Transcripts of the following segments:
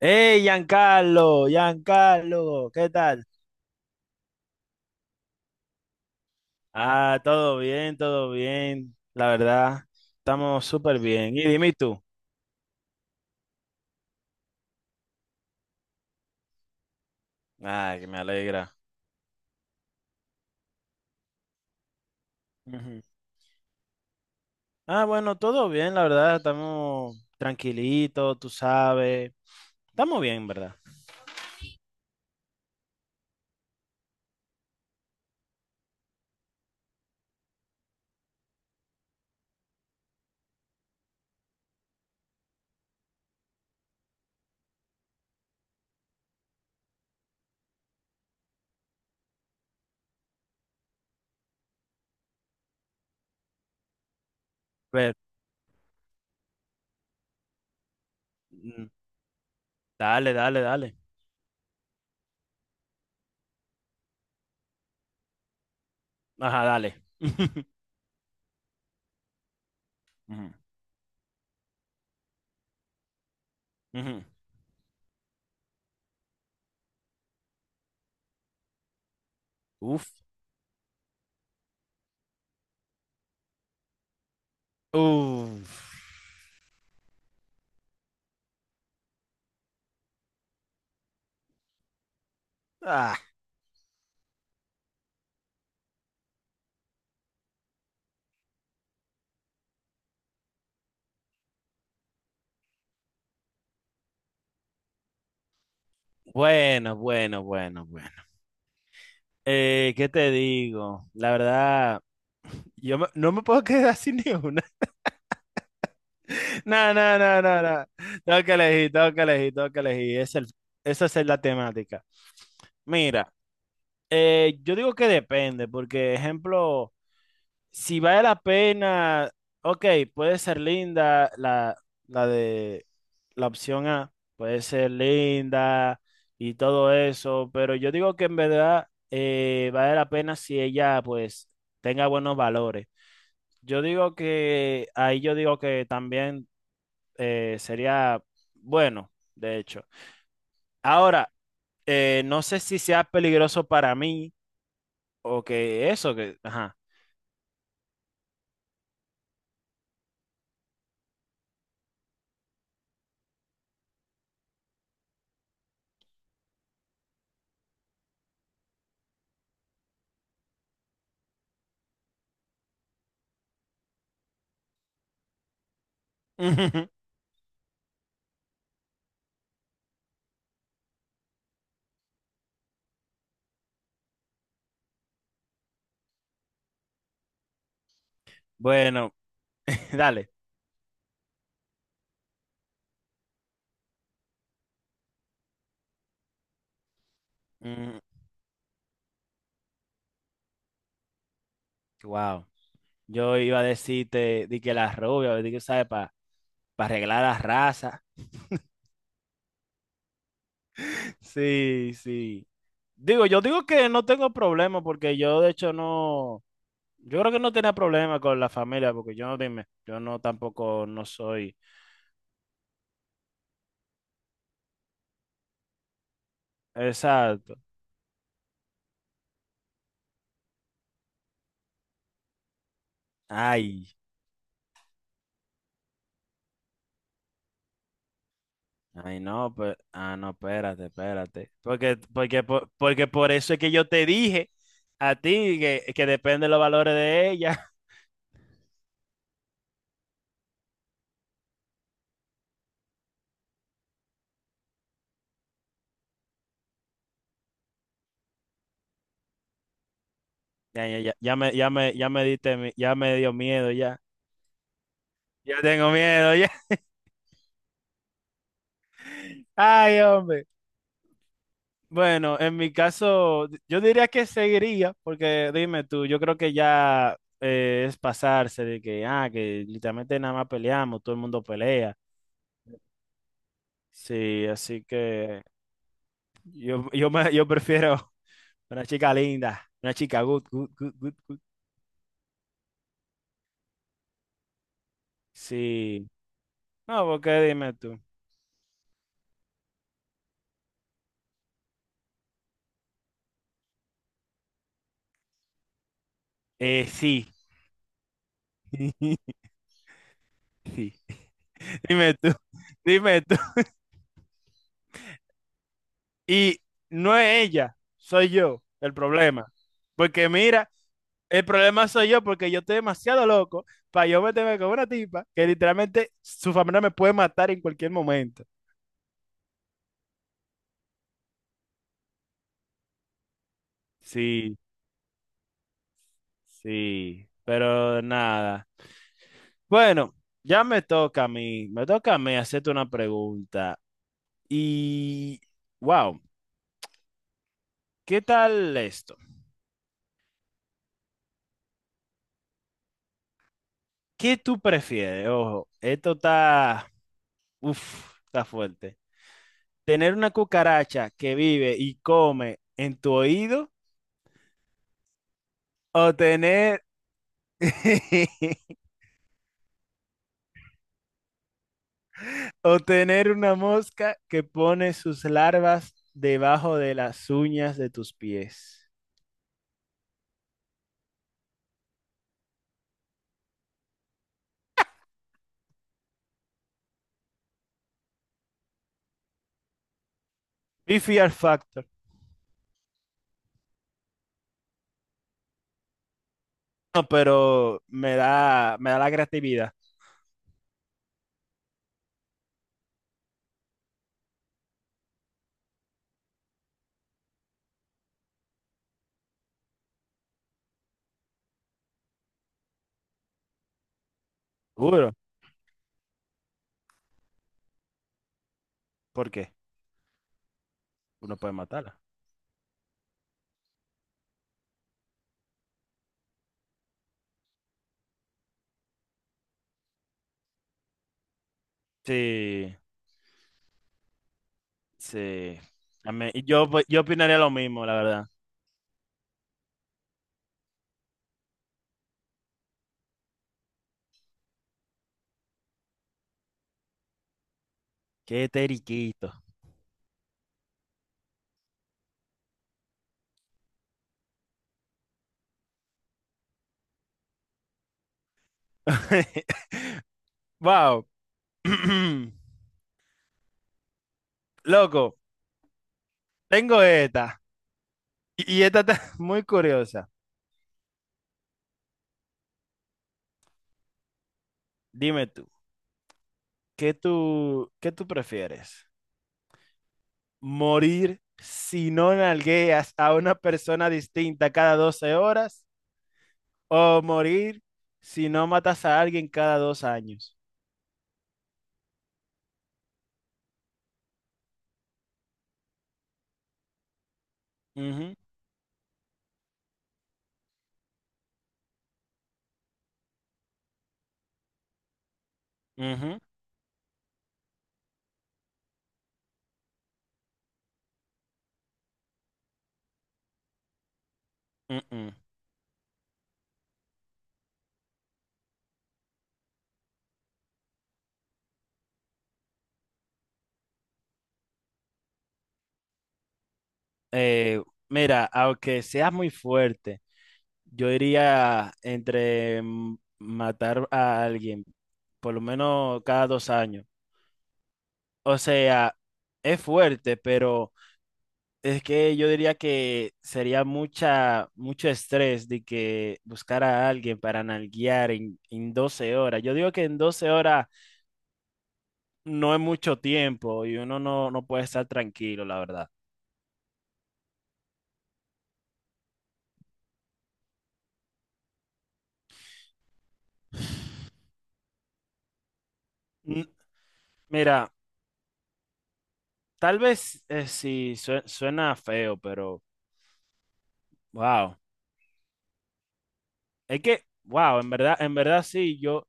Hey, Giancarlo, Giancarlo, ¿qué tal? Ah, todo bien, todo bien. La verdad, estamos súper bien. Y dime tú. Ah, que me alegra. Ujú. Ah, bueno, todo bien, la verdad, estamos tranquilitos, tú sabes. Estamos bien, ¿verdad? Pero, mm, dale, dale, dale. Ajá, dale. Ujú, ujú. Uf. Uf. Ah, bueno, bueno, bueno, bueno. ¿Qué te digo? La verdad. No me puedo quedar sin ni una. No, no, no, no, no. Tengo que elegir, tengo que elegir, tengo que elegir. Esa es la temática. Mira, yo digo que depende, porque, ejemplo, si vale la pena, ok, puede ser linda la de la opción A, puede ser linda y todo eso, pero yo digo que en verdad vale la pena si ella, pues, tenga buenos valores. Yo digo que ahí yo digo que también sería bueno, de hecho. Ahora, no sé si sea peligroso para mí o que eso, que. Ajá. Bueno, dale. Wow. Yo iba a decirte di que las rubias di que sabe para arreglar las razas. Sí, sí. Digo, yo digo que no tengo problema porque yo de hecho no, yo creo que no tenía problema con la familia porque yo no dime, yo no tampoco no soy. Exacto. Ay, ay, no, pues, ah, no, espérate, espérate. Porque por eso es que yo te dije a ti que depende de los valores de ella. Ya, ya, ya, ya me diste, ya me dio miedo, ya. Ya tengo miedo, ya. Ay, hombre. Bueno, en mi caso, yo diría que seguiría, porque dime tú, yo creo que ya es pasarse de que, ah, que literalmente nada más peleamos, todo el mundo pelea. Sí, así que. Yo prefiero una chica linda, una chica good, good, good, good, good. Sí. No, porque dime tú. Sí. Sí. Dime tú. Dime tú. Y no es ella, soy yo el problema. Porque mira, el problema soy yo porque yo estoy demasiado loco para yo meterme con una tipa que literalmente su familia me puede matar en cualquier momento. Sí. Sí, pero nada. Bueno, ya me toca a mí, me toca a mí hacerte una pregunta. Y, wow, ¿qué tal esto? ¿Qué tú prefieres? Ojo, esto está, uf, está fuerte. ¿Tener una cucaracha que vive y come en tu oído o tener, o tener una mosca que pone sus larvas debajo de las uñas de tus pies? Be Fear Factor. No, pero me da la creatividad. Seguro. ¿Por qué? Uno puede matarla. Sí, sí. Y yo, yo opinaría lo mismo, la verdad. Qué teriquito. Wow. Loco, tengo esta. Y esta está muy curiosa. Dime tú, ¿Qué tú prefieres? ¿Morir si no nalgueas a una persona distinta cada 12 horas? ¿O morir si no matas a alguien cada dos años? Ujú, ujú, ujú. Eh, Mira, aunque seas muy fuerte, yo iría entre matar a alguien, por lo menos cada dos años. O sea, es fuerte, pero es que yo diría que sería mucho estrés de que buscar a alguien para nalguear en 12 horas. Yo digo que en 12 horas no, es mucho tiempo y uno no puede estar tranquilo, la verdad. N- Mira, tal vez sí suena feo, pero wow. Es que, wow, en verdad sí, yo,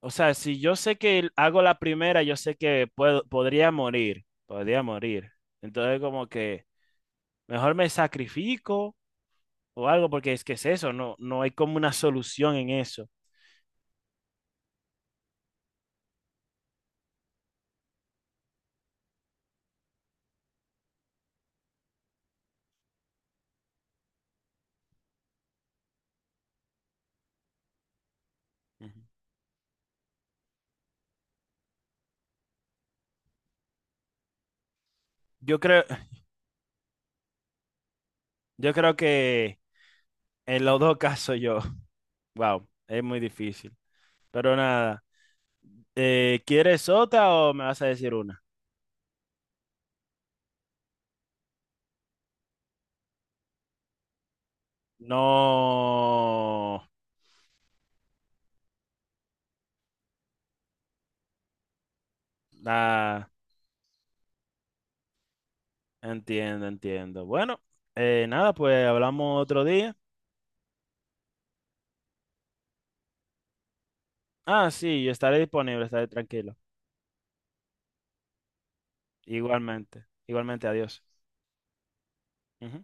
o sea, si yo sé que hago la primera, yo sé que puedo, podría morir, podría morir. Entonces como que mejor me sacrifico o algo, porque es que es eso, no hay como una solución en eso. Ujú. Yo creo, yo creo que en los dos casos yo, wow, es muy difícil. Pero nada, ¿quieres otra o me vas a decir una? No, nada, entiendo, entiendo. Bueno, nada, pues hablamos otro día. Ah, sí, yo estaré disponible, estaré tranquilo. Igualmente, igualmente, adiós. Ujú.